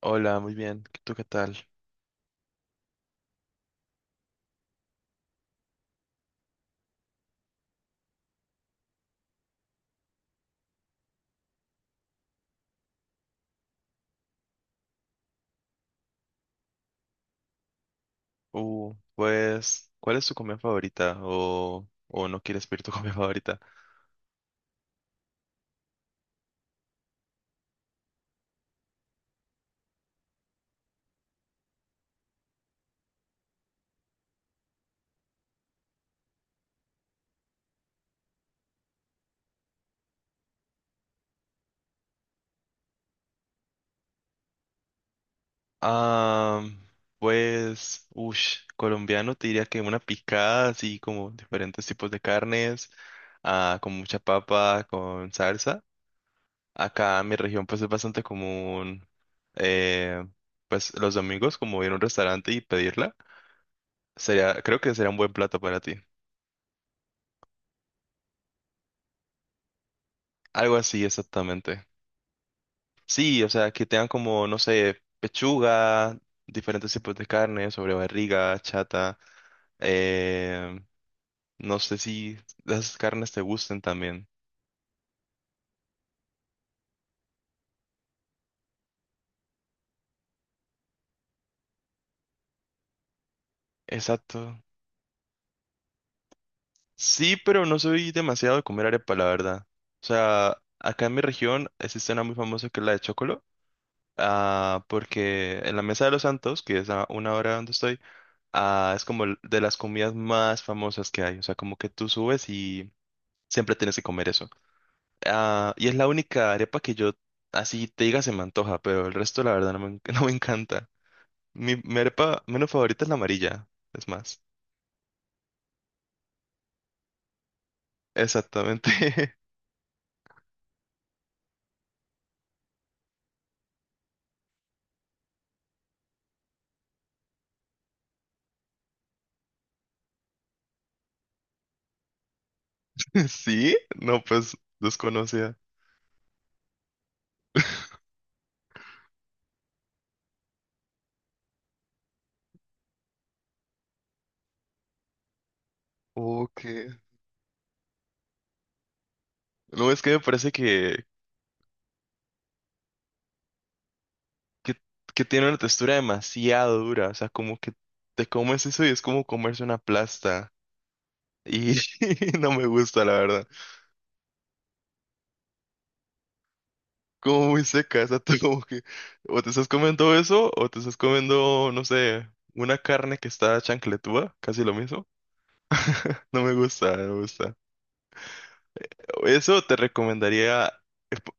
Hola, muy bien. ¿Tú qué tal? ¿Cuál es tu comida favorita? ¿O no quieres pedir tu comida favorita? Ah, Colombiano te diría que una picada, así como diferentes tipos de carnes, con mucha papa, con salsa. Acá en mi región, pues, es bastante común, eh, pues, los domingos, como ir a un restaurante y pedirla. Creo que sería un buen plato para ti. Algo así, exactamente. Sí, o sea, que tengan como, no sé, pechuga, diferentes tipos de carne, sobre barriga, chata. eh, no sé si las carnes te gusten también. Exacto. Sí, pero no soy demasiado de comer arepa, la verdad. O sea, acá en mi región existe una muy famosa que es la de chocolo. Porque en la Mesa de los Santos, que es a una hora donde estoy, es como de las comidas más famosas que hay. O sea, como que tú subes y siempre tienes que comer eso. Ah, y es la única arepa que yo, así te diga, se me antoja, pero el resto, la verdad, no me, no me encanta. Mi arepa menos favorita es la amarilla, es más. Exactamente. ¿Sí? No, pues desconocida. Ok. No, es que me parece que, que tiene una textura demasiado dura. O sea, como que te comes eso y es como comerse una plasta. Y no me gusta, la verdad. Como muy seca, exacto, como que o te estás comiendo eso o te estás comiendo, no sé, una carne que está chancletúa, casi lo mismo. No me gusta, no me gusta. Eso te recomendaría, eh, po-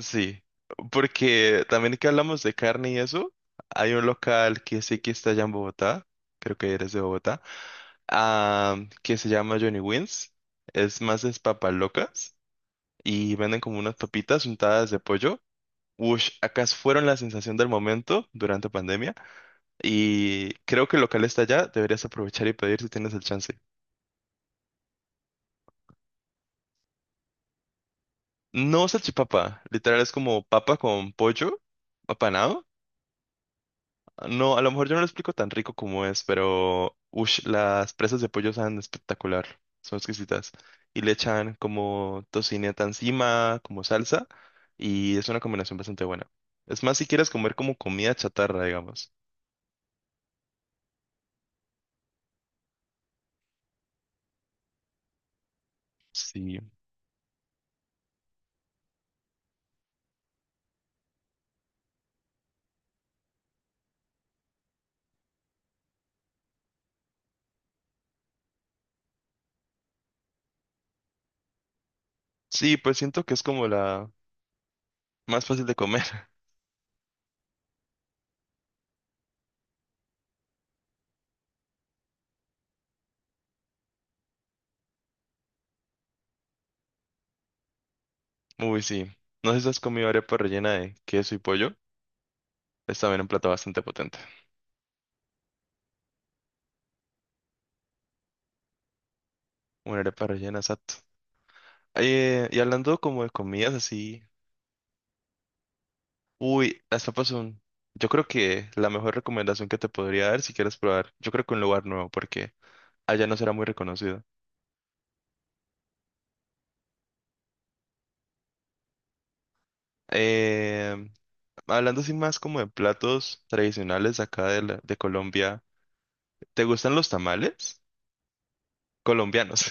sí, porque también que hablamos de carne y eso, hay un local que sí que está allá en Bogotá, creo que eres de Bogotá, ah, que se llama Johnny Wins, es más es papas locas y venden como unas papitas untadas de pollo. Ush, acá fueron la sensación del momento durante pandemia y creo que el local está allá, deberías aprovechar y pedir si tienes el chance. No salchipapa, literal es como papa con pollo apanado. No, a lo mejor yo no lo explico tan rico como es, pero ush, las presas de pollo saben espectacular, son exquisitas. Y le echan como tocineta encima, como salsa, y es una combinación bastante buena. Es más, si quieres comer como comida chatarra, digamos. Sí. Sí, pues siento que es como la más fácil de comer. Uy, sí. No sé si has comido arepa rellena de queso y pollo. Es también un plato bastante potente. Una arepa rellena, exacto. Y hablando como de comidas así. Uy, las papas son. Yo creo que la mejor recomendación que te podría dar si quieres probar. Yo creo que un lugar nuevo, porque allá no será muy reconocido. Eh, Hablando así más como de platos tradicionales acá de, de Colombia. ¿Te gustan los tamales? Colombianos.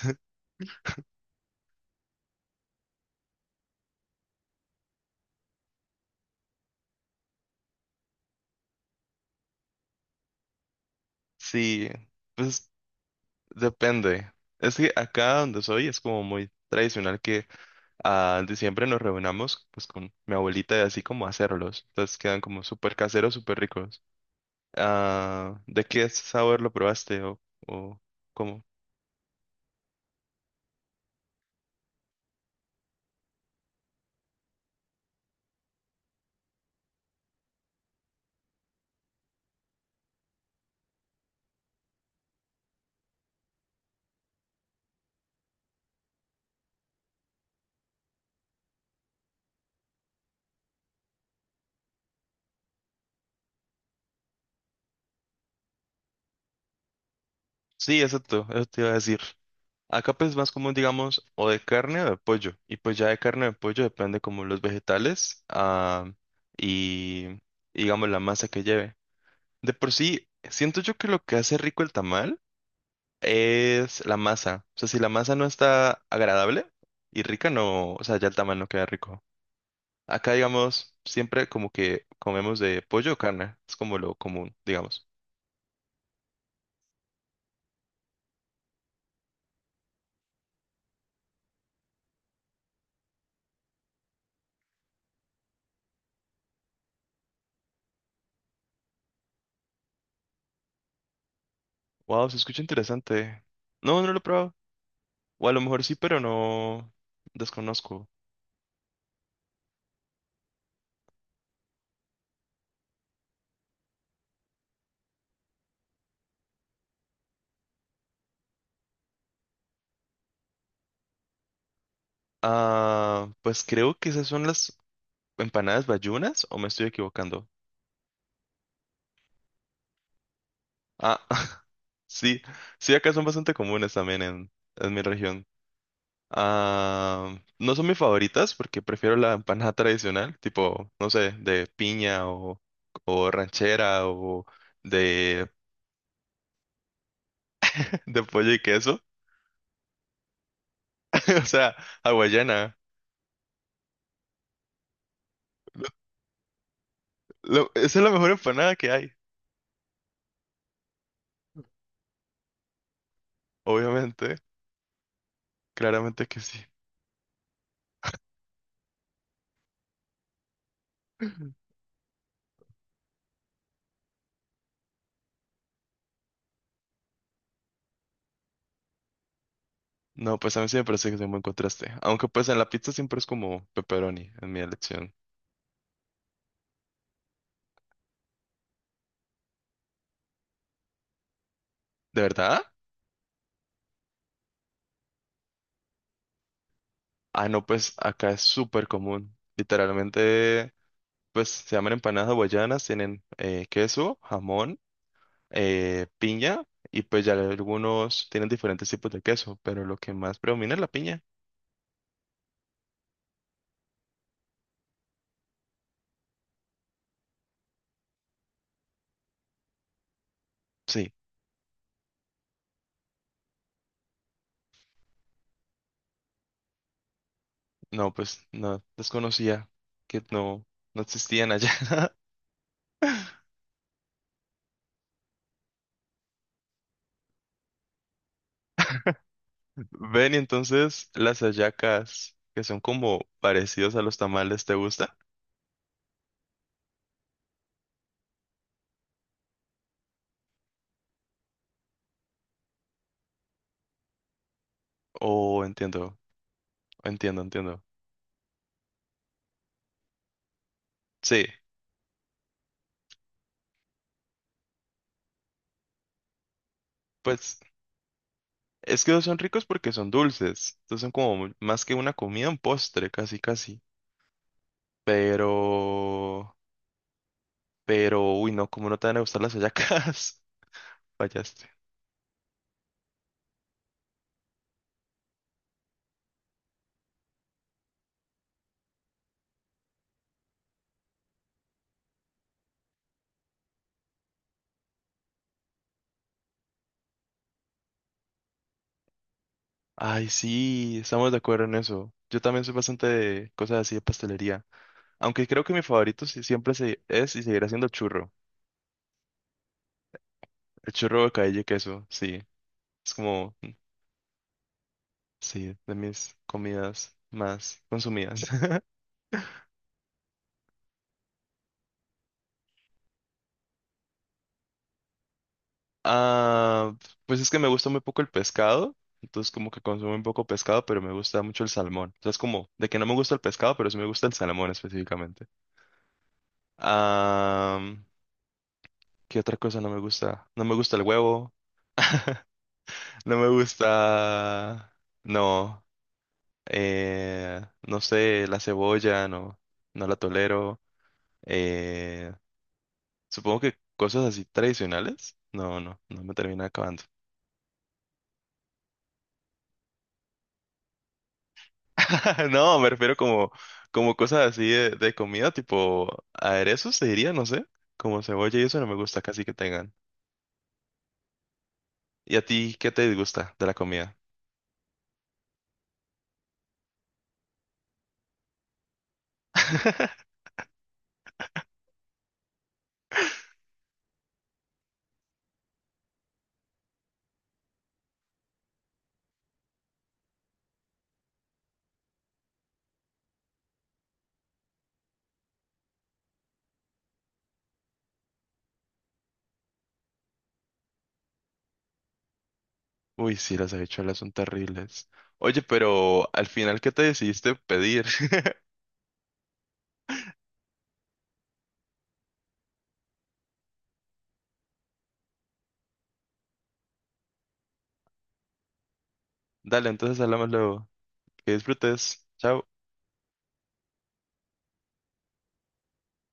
Sí. Pues depende. Es que acá donde soy es como muy tradicional que en diciembre nos reunamos pues con mi abuelita y así como a hacerlos. Entonces quedan como súper caseros, súper ricos. Ah, ¿de qué sabor lo probaste o cómo? Sí, exacto, eso te iba a decir. Acá pues es más común, digamos, o de carne o de pollo. Y pues ya de carne o de pollo depende como los vegetales, y digamos la masa que lleve. De por sí, siento yo que lo que hace rico el tamal es la masa. O sea, si la masa no está agradable y rica, no, o sea, ya el tamal no queda rico. Acá, digamos, siempre como que comemos de pollo o carne. Es como lo común, digamos. Wow, se escucha interesante. No, no lo he probado. O a lo mejor sí, pero no, desconozco. Ah, pues creo que esas son las empanadas bayunas, o me estoy equivocando. Ah, sí, sí, acá son bastante comunes también en mi región. Ah, no son mis favoritas porque prefiero la empanada tradicional, tipo, no sé, de piña o ranchera de, de pollo y queso. O sea, hawaiana. Esa es la mejor empanada que hay, obviamente. Claramente que sí. No, pues a mí sí me parece que es un buen contraste. Aunque pues en la pizza siempre es como pepperoni, en mi elección. ¿De verdad? Ah, no, pues acá es súper común. Literalmente. Pues se llaman empanadas hawaianas, tienen queso, jamón, piña y pues ya algunos tienen diferentes tipos de queso, pero lo que más predomina es la piña. Sí, no, pues no, desconocía que no, no existían allá. Ven, y entonces las hallacas, que son como parecidos a los tamales, ¿te gusta? Oh, entiendo, entiendo, entiendo. Sí, pues es que son ricos porque son dulces, entonces son como más que una comida, un postre, casi, casi. Pero, pero, uy, no, ¿cómo no te van a gustar las hallacas? Fallaste. Ay, sí, estamos de acuerdo en eso. Yo también soy bastante de cosas así de pastelería. Aunque creo que mi favorito es y seguirá siendo el churro. El churro de calle y queso, sí. Es como, sí, de mis comidas más consumidas. Ah, pues es que me gusta muy poco el pescado. Entonces como que consumo un poco pescado, pero me gusta mucho el salmón. O sea, es como de que no me gusta el pescado, pero sí me gusta el salmón específicamente. Am, ¿qué otra cosa no me gusta? No me gusta el huevo, no me gusta... No, eh, no sé, la cebolla, no, no la tolero. eh, Supongo que cosas así tradicionales. No, no, no me termina acabando. No, me refiero como, como cosas así de comida, tipo aderezos, te diría, no sé, como cebolla y eso no me gusta casi que tengan. ¿Y a ti qué te disgusta de la comida? Uy, sí, las habichuelas son terribles. Oye, pero al final, ¿qué te decidiste pedir? Dale, entonces hablamos luego. Que disfrutes. Chao.